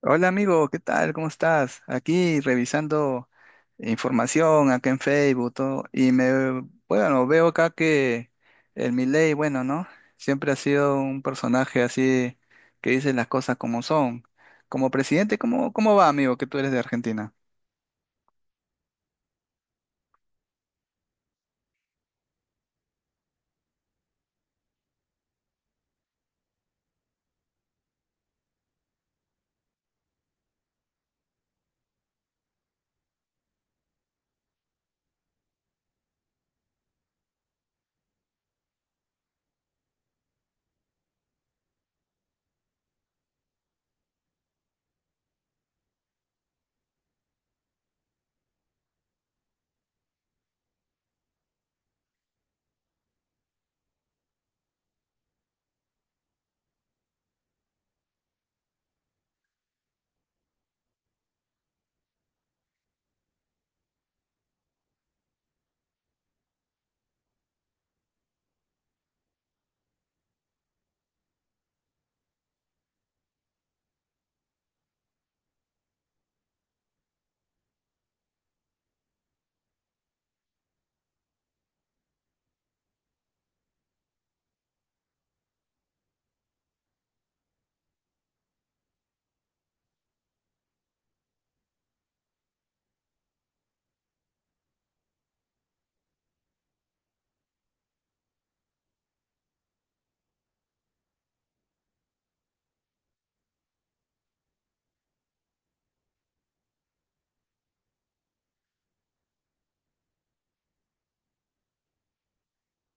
Hola amigo, ¿qué tal? ¿Cómo estás? Aquí revisando información acá en Facebook todo, y bueno, veo acá que el Milei, bueno, ¿no? Siempre ha sido un personaje así que dice las cosas como son. Como presidente, ¿cómo va, amigo, que tú eres de Argentina?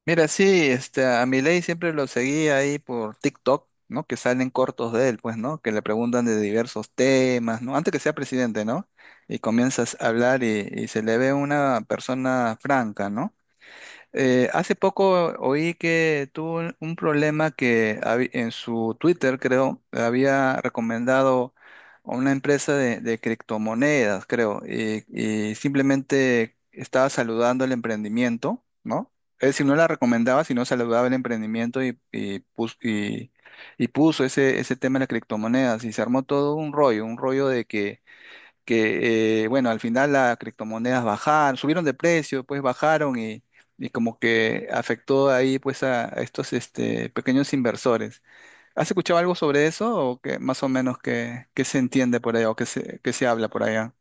Mira, sí, este, a Milei siempre lo seguía ahí por TikTok, ¿no? Que salen cortos de él, pues, ¿no? Que le preguntan de diversos temas, ¿no? Antes que sea presidente, ¿no? Y comienzas a hablar y se le ve una persona franca, ¿no? Hace poco oí que tuvo un problema en su Twitter, creo, había recomendado a una empresa de criptomonedas, creo, y simplemente estaba saludando el emprendimiento, ¿no? Es decir, no la recomendaba, sino saludaba el emprendimiento y puso ese tema de las criptomonedas y se armó todo un rollo de que, bueno, al final las criptomonedas bajaron, subieron de precio, pues bajaron y como que afectó ahí pues a estos este, pequeños inversores. ¿Has escuchado algo sobre eso o que más o menos se entiende por allá o qué se habla por allá?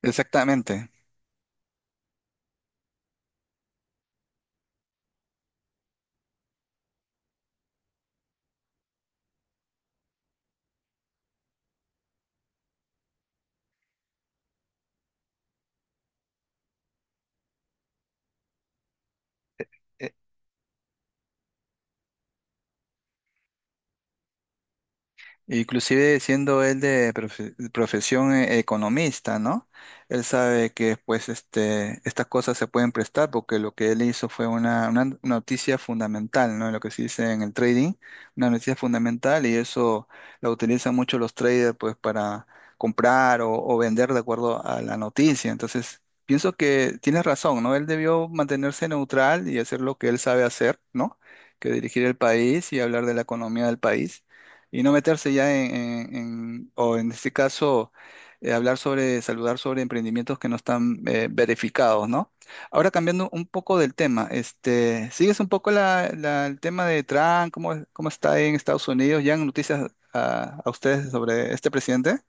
Exactamente. Inclusive siendo él de profesión, economista, ¿no? Él sabe que pues este, estas cosas se pueden prestar porque lo que él hizo fue una noticia fundamental, ¿no? Lo que se dice en el trading, una noticia fundamental y eso la utilizan mucho los traders pues para comprar o vender de acuerdo a la noticia. Entonces, pienso que tienes razón, ¿no? Él debió mantenerse neutral y hacer lo que él sabe hacer, ¿no? Que dirigir el país y hablar de la economía del país y no meterse ya o en este caso, hablar sobre, saludar sobre emprendimientos que no están verificados, ¿no? Ahora cambiando un poco del tema, este, ¿sigues un poco el tema de Trump? ¿Cómo está en Estados Unidos? ¿Ya han noticias a ustedes sobre este presidente?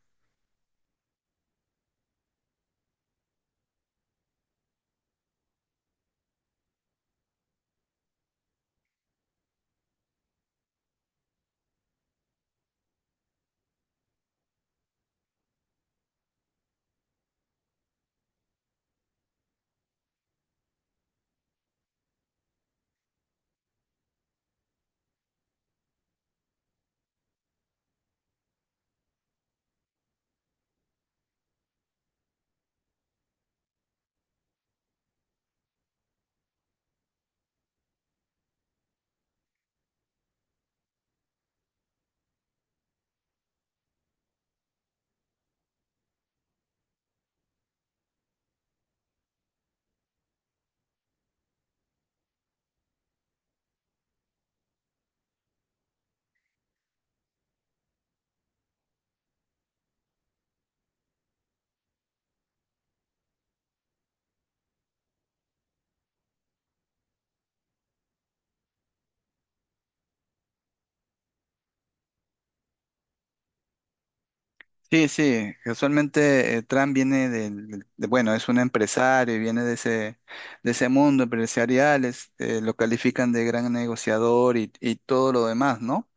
Sí, sí, casualmente Trump viene bueno, es un empresario y viene de ese mundo empresarial, lo califican de gran negociador y todo lo demás, ¿no?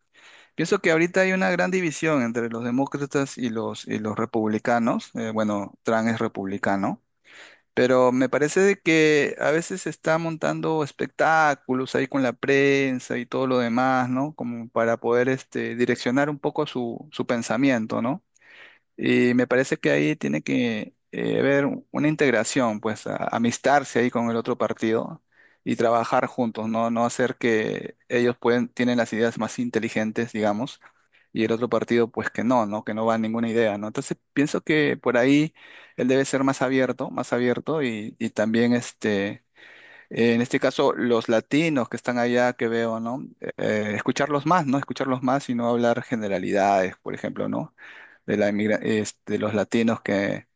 Pienso que ahorita hay una gran división entre los demócratas y los republicanos. Bueno, Trump es republicano, pero me parece de que a veces se está montando espectáculos ahí con la prensa y todo lo demás, ¿no? Como para poder este, direccionar un poco su pensamiento, ¿no? Y me parece que ahí tiene que haber una integración, pues amistarse ahí con el otro partido y trabajar juntos, ¿no? No hacer que ellos pueden, tienen las ideas más inteligentes, digamos, y el otro partido pues que no, ¿no? Que no va a ninguna idea, ¿no? Entonces pienso que por ahí él debe ser más abierto y también este, en este caso los latinos que están allá que veo, ¿no? Escucharlos más, ¿no? Escucharlos más y no hablar generalidades, por ejemplo, ¿no? Este, los latinos que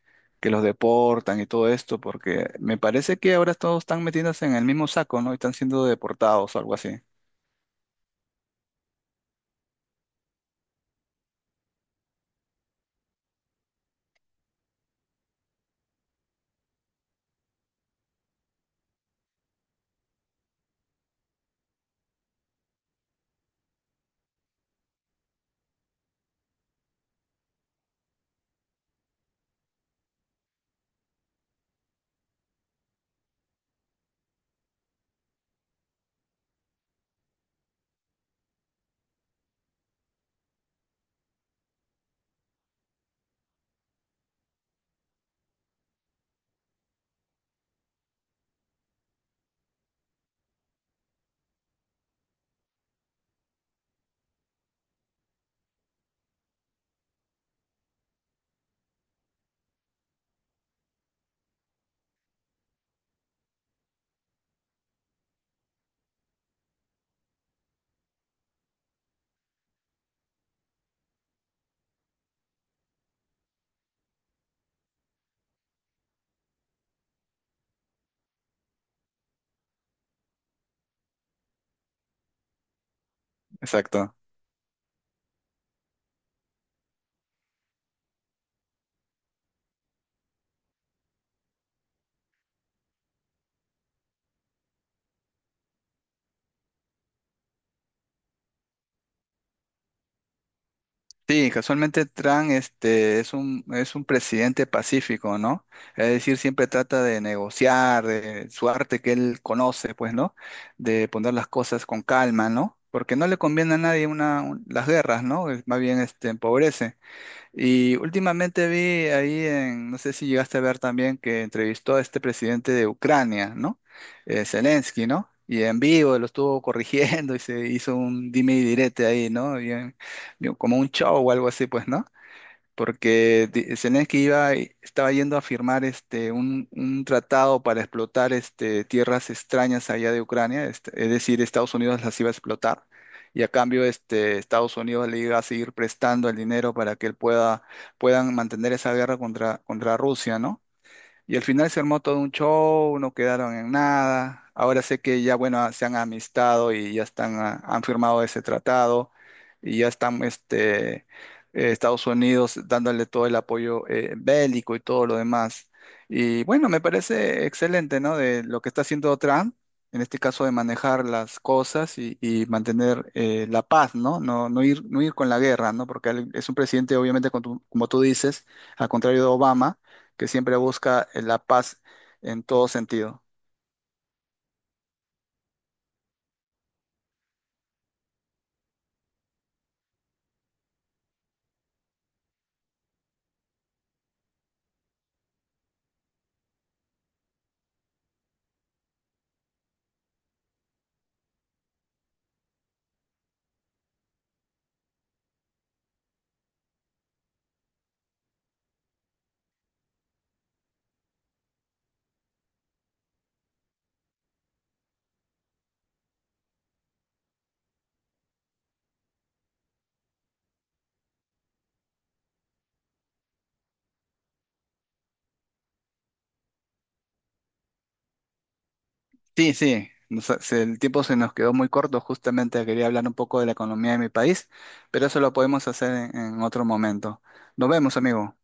que los deportan y todo esto, porque me parece que ahora todos están metiéndose en el mismo saco, ¿no? Y están siendo deportados o algo así. Exacto. Sí, casualmente Trump este, es un presidente pacífico, ¿no? Es decir, siempre trata de negociar, de su arte que él conoce, pues, ¿no? De poner las cosas con calma, ¿no? Porque no le conviene a nadie las guerras, ¿no? Más bien este, empobrece. Y últimamente vi ahí no sé si llegaste a ver también que entrevistó a este presidente de Ucrania, ¿no? Zelensky, ¿no? Y en vivo lo estuvo corrigiendo y se hizo un dime y direte ahí, ¿no? Bien, bien, como un show o algo así, pues, ¿no? Porque Zelensky estaba yendo a firmar este, un tratado para explotar este, tierras extrañas allá de Ucrania, este, es decir, Estados Unidos las iba a explotar y a cambio este, Estados Unidos le iba a seguir prestando el dinero para que puedan mantener esa guerra contra Rusia, ¿no? Y al final se armó todo un show, no quedaron en nada. Ahora sé que ya, bueno, ah, se han amistado y ya están, ah, han firmado ese tratado y ya están, este, Estados Unidos dándole todo el apoyo bélico y todo lo demás. Y bueno, me parece excelente, ¿no? De lo que está haciendo Trump, en este caso de manejar las cosas y mantener, la paz, ¿no? No, no ir, no ir con la guerra, ¿no? Porque él es un presidente, obviamente, como tú dices, al contrario de Obama, que siempre busca la paz en todo sentido. Sí, sí, el tiempo se nos quedó muy corto, justamente quería hablar un poco de la economía de mi país, pero eso lo podemos hacer en otro momento. Nos vemos, amigo.